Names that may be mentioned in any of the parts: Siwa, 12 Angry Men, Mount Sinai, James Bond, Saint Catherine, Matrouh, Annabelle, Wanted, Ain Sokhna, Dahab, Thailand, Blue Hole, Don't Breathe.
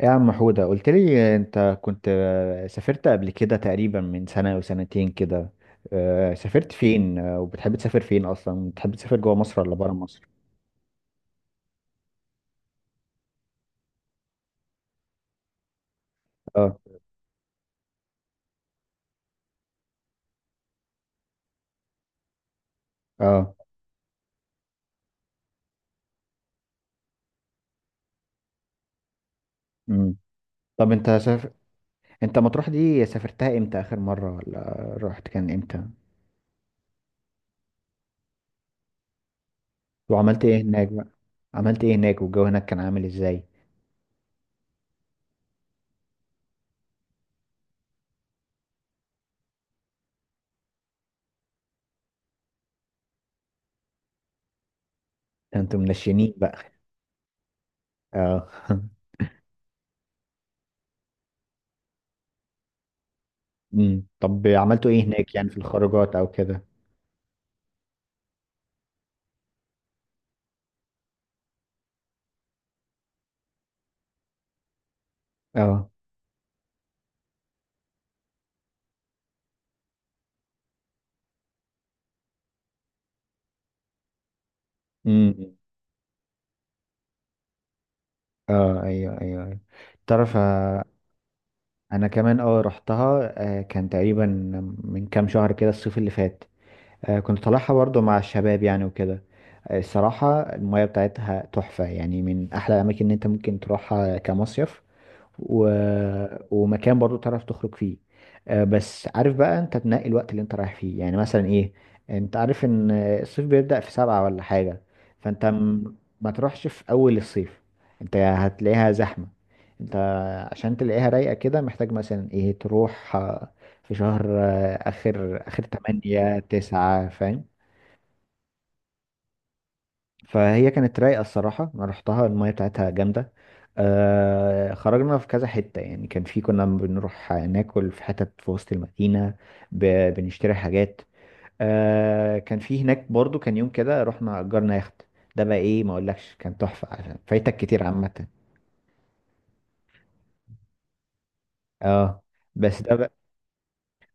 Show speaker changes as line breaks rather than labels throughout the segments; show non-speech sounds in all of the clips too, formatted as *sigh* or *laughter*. يا عم حودة، قلت لي انت كنت سافرت قبل كده تقريبا من سنة او سنتين كده. سافرت فين؟ وبتحب تسافر فين اصلا؟ بتحب تسافر جوه مصر ولا بره مصر؟ اه، اه. امم طب انت سافر. انت مطروح دي سافرتها امتى؟ اخر مرة، ولا رحت كان امتى؟ وعملت ايه هناك بقى؟ عملت ايه هناك والجو هناك كان عامل ازاي؟ ده انتوا منشنين بقى! اه. *laughs* طب عملتوا ايه هناك، يعني في الخروجات او كده؟ اه. امم اه، ايوه، ايوه، أيوة. تعرف؟ انا كمان رحتها. كان تقريبا من كام شهر كده، الصيف اللي فات. كنت طالعها برضو مع الشباب يعني وكده. الصراحة المياه بتاعتها تحفة، يعني من احلى الاماكن اللي انت ممكن تروحها كمصيف. و... ومكان برضو تعرف تخرج فيه. بس عارف بقى، انت تنقي الوقت اللي انت رايح فيه، يعني مثلا ايه. انت عارف ان الصيف بيبدأ في 7 ولا حاجة؟ فانت ما تروحش في اول الصيف. انت هتلاقيها زحمة. انت عشان تلاقيها رايقة كده، محتاج مثلا ايه، تروح في شهر اخر اخر تمانية تسعة، فاهم؟ فهي كانت رايقة الصراحة، أنا رحتها المية بتاعتها جامدة. خرجنا في كذا حتة، يعني كان في كنا بنروح ناكل في حتت في وسط المدينة. ب... بنشتري حاجات. كان في هناك برضو كان يوم كده رحنا أجرنا يخت. ده بقى إيه! ما أقولكش كان تحفة عشان فايتك كتير عامة. اه. بس ده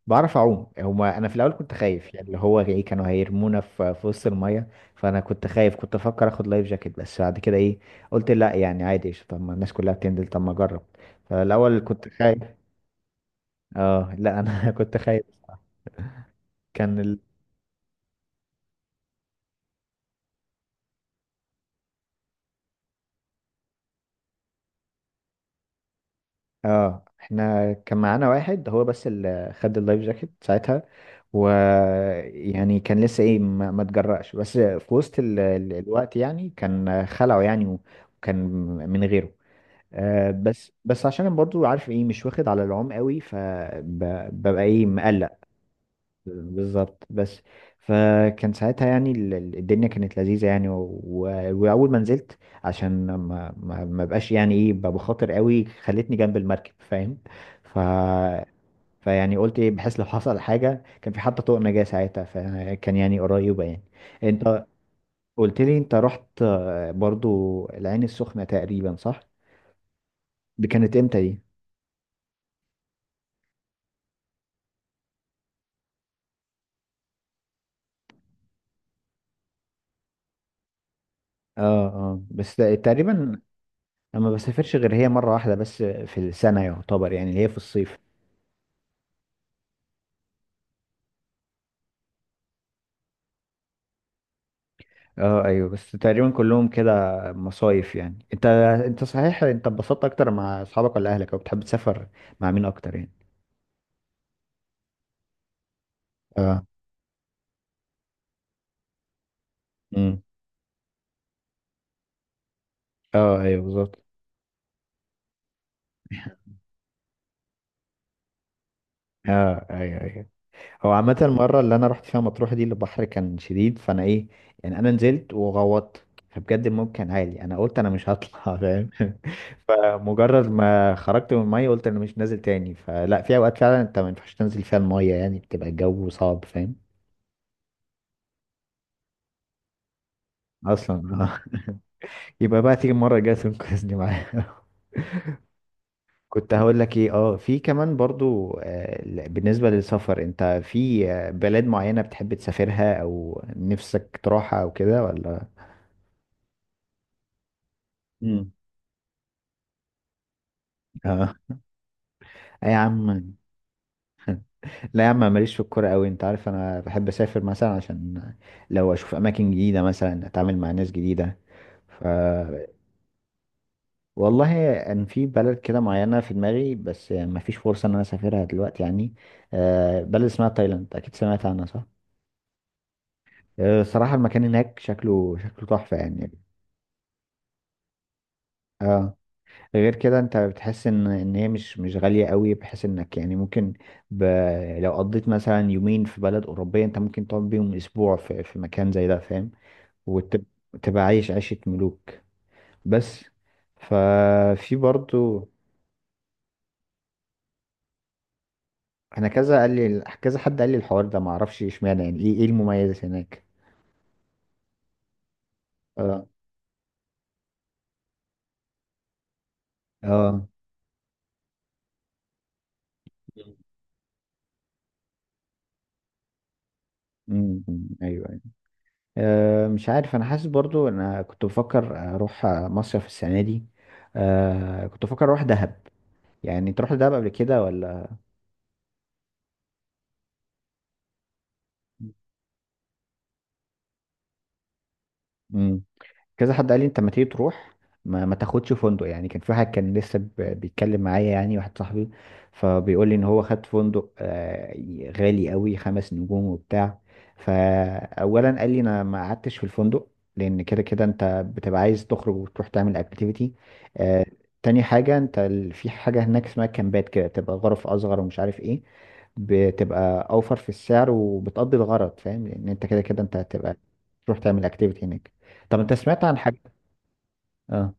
بعرف اعوم. هما انا في الاول كنت خايف، يعني اللي هو ايه، كانوا هيرمونا في وسط الميه. فانا كنت خايف، كنت افكر اخد لايف جاكيت، بس بعد كده ايه؟ قلت لا، يعني عادي، قشطة. طب ما الناس كلها بتنزل، طب ما اجرب. فالاول كنت خايف. اه، لا، انا *laughs* كنت خايف. كان ال... اه. احنا كان معانا واحد هو بس اللي خد اللايف جاكيت ساعتها. و يعني كان لسه ايه، ما تجرأش، بس في وسط الوقت يعني كان خلعه يعني. وكان من غيره. بس عشان أنا برضو عارف، ايه، مش واخد على العوم قوي، فببقى ايه مقلق. بالظبط. بس فكان ساعتها يعني، الدنيا كانت لذيذة يعني، واول ما نزلت عشان ما بقاش يعني ايه، بخاطر قوي خلتني جنب المركب، فاهم؟ ف فيعني قلت ايه، بحيث لو حصل حاجة كان في حتى طوق نجاة، ساعتها فكان يعني قريبة يعني. انت قلت لي انت رحت برضو العين السخنة تقريبا، صح؟ دي كانت امتى دي؟ اه، اه. بس تقريبا، انا ما بسافرش غير هي مرة واحدة بس في السنة، يعتبر، يعني اللي هي في الصيف. اه، ايوه. بس تقريبا كلهم كده مصايف يعني. انت صحيح، انت اتبسطت اكتر مع اصحابك ولا اهلك، او بتحب تسافر مع مين اكتر يعني؟ اه. امم اه، ايوه، بالظبط. اه، ايوه، ايوه. هو عامة المرة اللي أنا رحت فيها مطروح دي البحر كان شديد، فأنا إيه، يعني أنا نزلت وغوطت، فبجد الموج كان عالي، أنا قلت أنا مش هطلع *laughs* فاهم؟ فمجرد ما خرجت من المية قلت أنا مش نازل تاني. فلا، في أوقات فعلا أنت ما ينفعش تنزل فيها المية، يعني بتبقى الجو صعب، فاهم؟ أصلا. آه. *laughs* يبقى بقى تيجي المرة الجاية تنقذني معايا. *laughs* كنت هقول لك إيه، في كمان برضو بالنسبة للسفر، أنت في بلاد معينة بتحب تسافرها أو نفسك تروحها أو كده، ولا؟ مم. *laughs* آه. اي يا عم. لا يا عم، ماليش في الكوره قوي. انت عارف انا بحب اسافر مثلا عشان لو اشوف اماكن جديده، مثلا اتعامل مع ناس جديده. ف والله ان في بلد كده معينه في دماغي، بس ما فيش فرصه ان انا اسافرها دلوقتي يعني. بلد اسمها تايلاند، اكيد سمعت عنها، صح؟ صراحه المكان هناك شكله تحفه يعني. اه. غير كده انت بتحس ان هي مش غاليه قوي، بحيث انك يعني ممكن ب... لو قضيت مثلا يومين في بلد اوروبيه، انت ممكن تقعد بيهم اسبوع في مكان زي ده، فاهم؟ وتبقى عايش عيشه ملوك. بس ففي برضو. انا كذا حد قال لي الحوار ده، ما اعرفش اشمعنى يعني، ايه المميز هناك؟ اه، اه. امم، ايوه، ايوه. مش عارف. انا حاسس برضو انا كنت بفكر اروح مصيف السنه دي. كنت بفكر اروح دهب. يعني تروح لدهب قبل كده ولا؟ مم. كذا حد قال لي انت ما تيجي تروح، ما تاخدش فندق، يعني كان في واحد كان لسه بيتكلم معايا، يعني واحد صاحبي. فبيقول لي ان هو خد فندق غالي قوي، 5 نجوم وبتاع. فاولا قال لي انا ما قعدتش في الفندق، لان كده كده انت بتبقى عايز تخرج وتروح تعمل اكتيفيتي. تاني حاجة انت في حاجة هناك اسمها كامبات كده، تبقى غرف اصغر ومش عارف ايه، بتبقى اوفر في السعر وبتقضي الغرض، فاهم؟ لان انت كده كده انت هتبقى تروح تعمل اكتيفيتي هناك. طب انت سمعت عن حاجة؟ اه.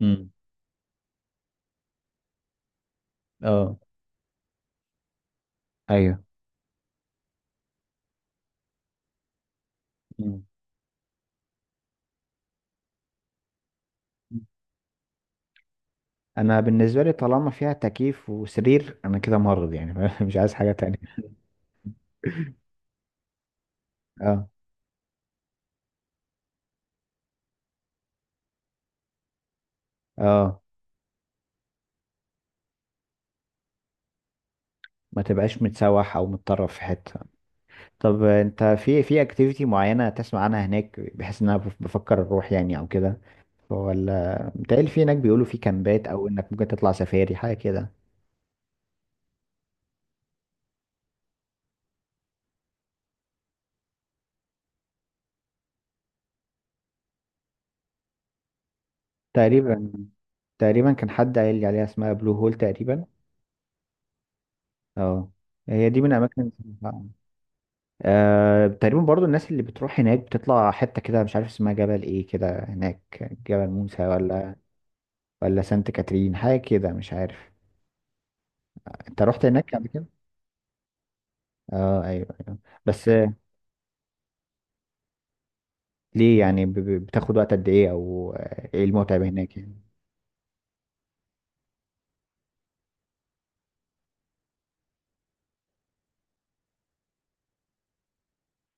امم اه، ايوه. مم. انا بالنسبة لي، طالما فيها تكييف وسرير، انا كده مرض يعني *laughs* مش عايز حاجة تانية. اه، اه. ما تبقاش متسوح او متطرف في حتة. طب انت في اكتيفيتي معينة تسمع عنها هناك، بحيث ان انا بفكر اروح يعني او كده، ولا متهيألي في هناك بيقولوا في كامبات، او انك ممكن تطلع سفاري حاجة كده؟ تقريبا تقريبا كان حد قايل لي عليها، اسمها بلو هول تقريبا. اه. هي دي من اماكن. تقريبا برضو الناس اللي بتروح هناك بتطلع حتة كده، مش عارف اسمها جبل ايه كده هناك. جبل موسى، ولا ولا سانت كاترين، حاجة كده، مش عارف. انت رحت هناك قبل كده؟ اه، ايوه، ايوه. بس ليه يعني، بتاخد وقت قد ايه، او ايه المتعب هناك يعني؟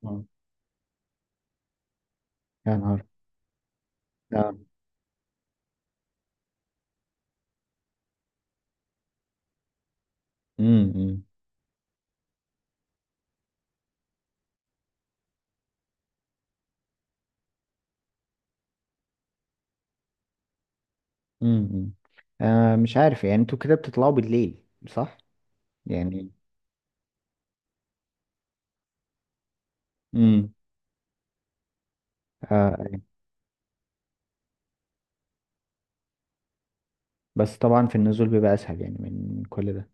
آه. يا نهار! اه. امم امم مش عارف يعني، انتوا كده بتطلعوا بالليل صح؟ يعني. امم آه بس طبعا في النزول بيبقى اسهل يعني من كل ده.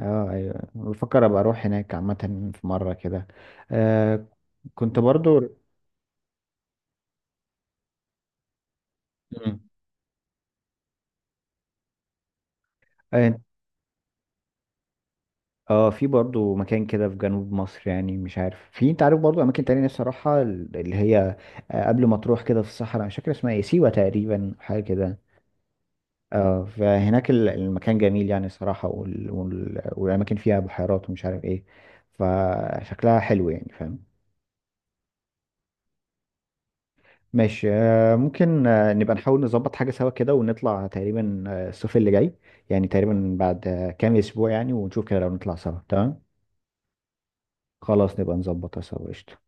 اه، ايوه. بفكر ابقى اروح هناك عامة في مرة كده. آه كنت برضو. مم. اه. في برضو مكان كده في جنوب مصر، يعني مش عارف. انت عارف برضو اماكن تانية نفسي اروحها، اللي هي قبل ما تروح كده في الصحراء، مش فاكر اسمها ايه، سيوة تقريبا حاجة كده. اه. فهناك المكان جميل يعني صراحة، والاماكن فيها بحيرات ومش عارف ايه، فشكلها حلو يعني، فاهم؟ ماشي. ممكن نبقى نحاول نظبط حاجة سوا كده ونطلع تقريبا الصيف اللي جاي، يعني تقريبا بعد كام أسبوع، يعني ونشوف كده لو نطلع سوا، تمام؟ خلاص، نبقى نظبطها سوا، قشطة.